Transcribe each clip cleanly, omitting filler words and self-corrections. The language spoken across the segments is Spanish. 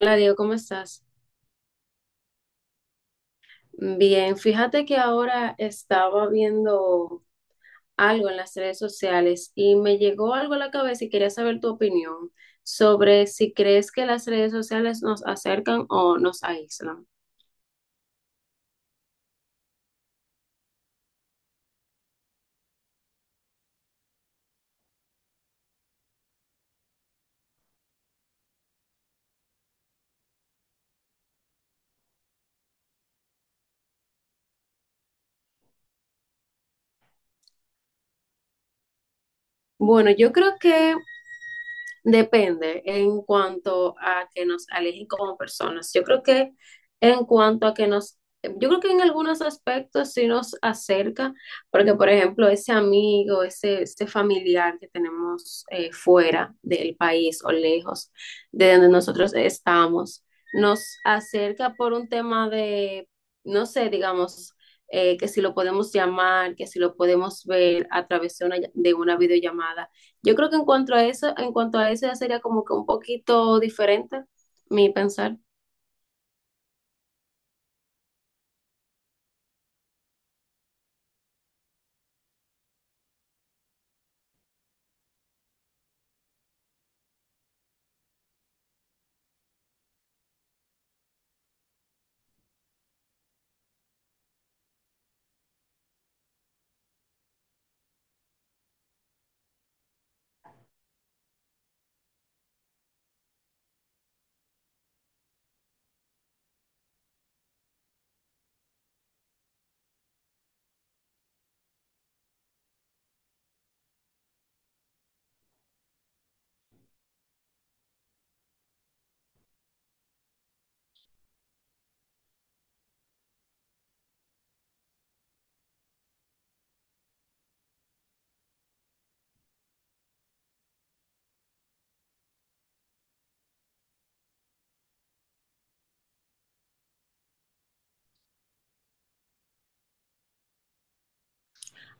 Hola Diego, ¿cómo estás? Bien, fíjate que ahora estaba viendo algo en las redes sociales y me llegó algo a la cabeza y quería saber tu opinión sobre si crees que las redes sociales nos acercan o nos aíslan. Bueno, yo creo que depende en cuanto a que nos alejen como personas. Yo creo que en cuanto a que yo creo que en algunos aspectos sí nos acerca, porque por ejemplo ese amigo, ese familiar que tenemos fuera del país o lejos de donde nosotros estamos, nos acerca por un tema de, no sé, digamos, que si lo podemos llamar, que si lo podemos ver a través de de una videollamada. Yo creo que en cuanto a en cuanto a eso ya sería como que un poquito diferente mi pensar.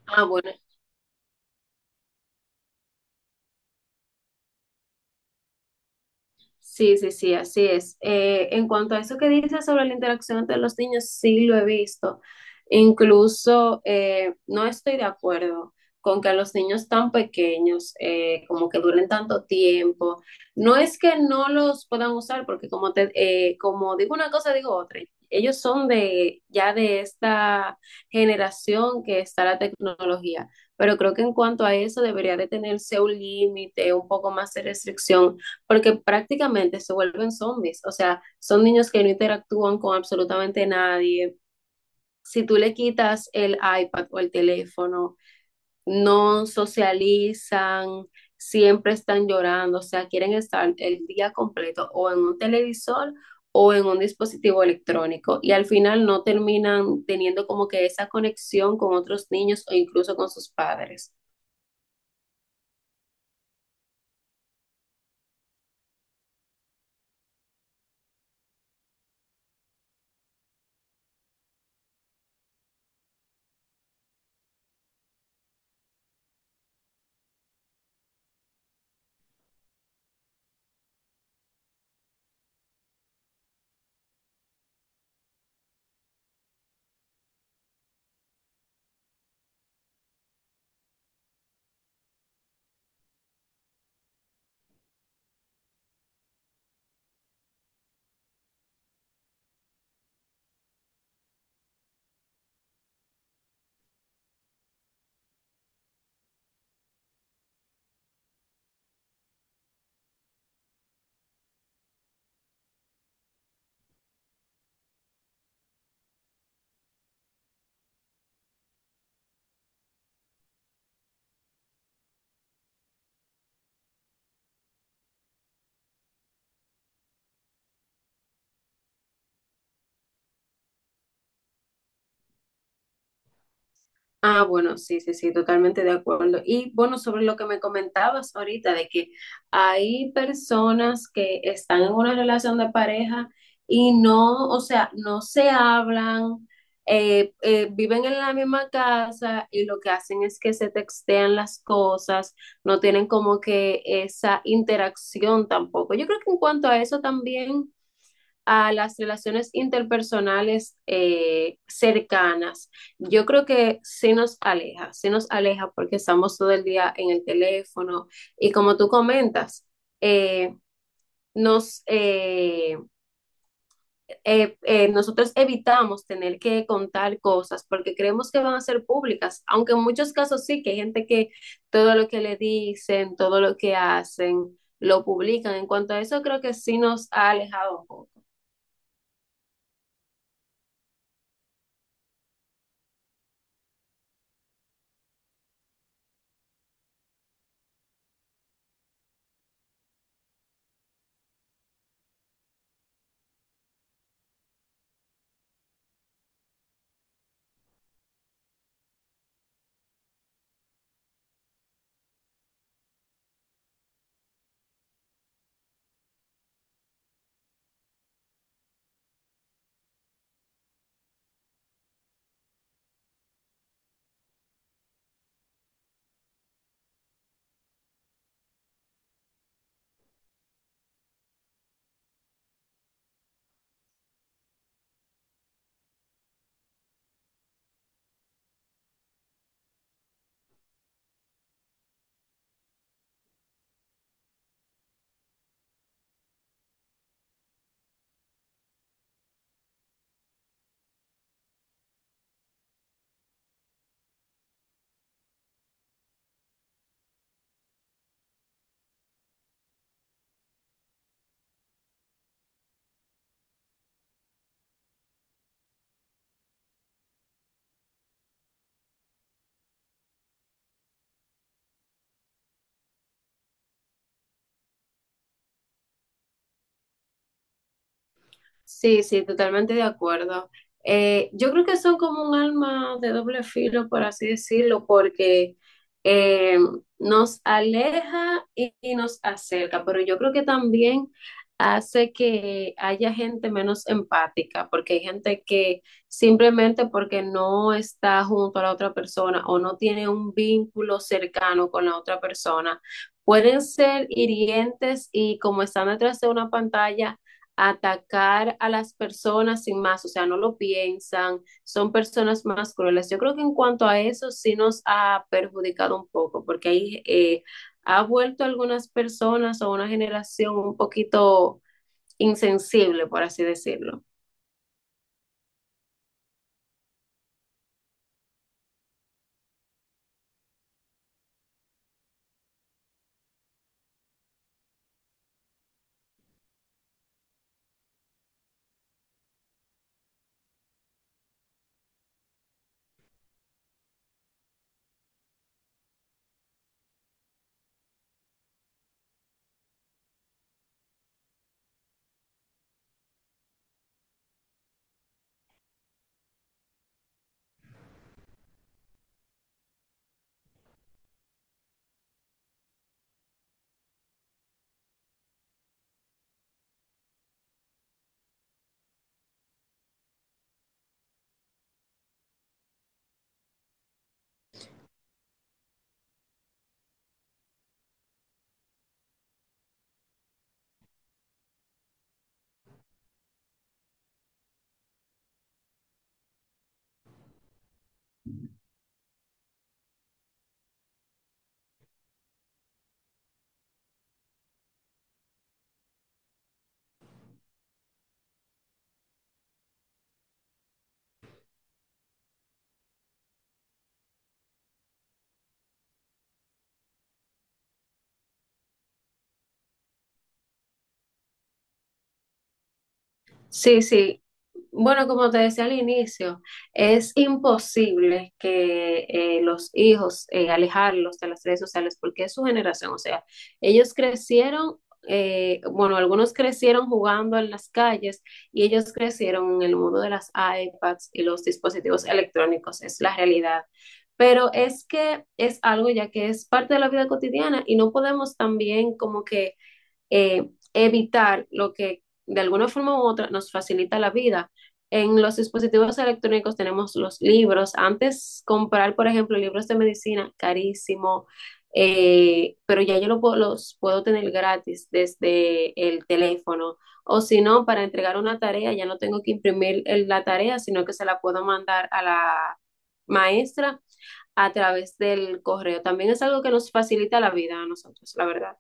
Ah, bueno, sí, sí, sí, así es. En cuanto a eso que dices sobre la interacción entre los niños, sí lo he visto. Incluso no estoy de acuerdo con que a los niños tan pequeños, como que duren tanto tiempo. No es que no los puedan usar, porque como, te, como digo una cosa, digo otra. Ellos son de ya de esta generación que está la tecnología, pero creo que en cuanto a eso debería de tenerse un límite, un poco más de restricción, porque prácticamente se vuelven zombies, o sea, son niños que no interactúan con absolutamente nadie. Si tú le quitas el iPad o el teléfono, no socializan, siempre están llorando, o sea, quieren estar el día completo o en un televisor o en un dispositivo electrónico, y al final no terminan teniendo como que esa conexión con otros niños o incluso con sus padres. Ah, bueno, sí, sí, sí, totalmente de acuerdo. Y bueno, sobre lo que me comentabas ahorita, de que hay personas que están en una relación de pareja y no, o sea, no se hablan, viven en la misma casa y lo que hacen es que se textean las cosas, no tienen como que esa interacción tampoco. Yo creo que en cuanto a eso también, a las relaciones interpersonales cercanas, yo creo que sí nos aleja porque estamos todo el día en el teléfono, y como tú comentas, eh, nos, eh, nosotros evitamos tener que contar cosas porque creemos que van a ser públicas, aunque en muchos casos sí, que hay gente que todo lo que le dicen, todo lo que hacen, lo publican. En cuanto a eso, creo que sí nos ha alejado un poco. Sí, sí, totalmente de acuerdo. Yo creo que son como un alma de doble filo, por así decirlo, porque eh, nos aleja y nos acerca, pero yo creo que también hace que haya gente menos empática, porque hay gente que simplemente porque no está junto a la otra persona o no tiene un vínculo cercano con la otra persona, pueden ser hirientes, y como están detrás de una pantalla, atacar a las personas sin más, o sea, no lo piensan, son personas más crueles. Yo creo que en cuanto a eso sí nos ha perjudicado un poco, porque ahí ha vuelto algunas personas o una generación un poquito insensible, por así decirlo. Sí, sí. Bueno, como te decía al inicio, es imposible que los hijos alejarlos de las redes sociales porque es su generación. O sea, ellos crecieron, bueno, algunos crecieron jugando en las calles, y ellos crecieron en el mundo de las iPads y los dispositivos electrónicos. Es la realidad. Pero es que es algo ya que es parte de la vida cotidiana, y no podemos también como que evitar lo que de alguna forma u otra nos facilita la vida. En los dispositivos electrónicos tenemos los libros. Antes comprar, por ejemplo, libros de medicina, carísimo, pero ya los puedo tener gratis desde el teléfono. O si no, para entregar una tarea, ya no tengo que imprimir la tarea, sino que se la puedo mandar a la maestra a través del correo. También es algo que nos facilita la vida a nosotros, la verdad.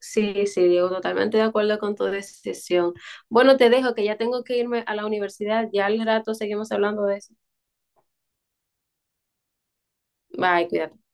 Sí, sí, Diego, totalmente de acuerdo con tu decisión. Bueno, te dejo que ya tengo que irme a la universidad. Ya al rato seguimos hablando de eso. Bye, cuídate.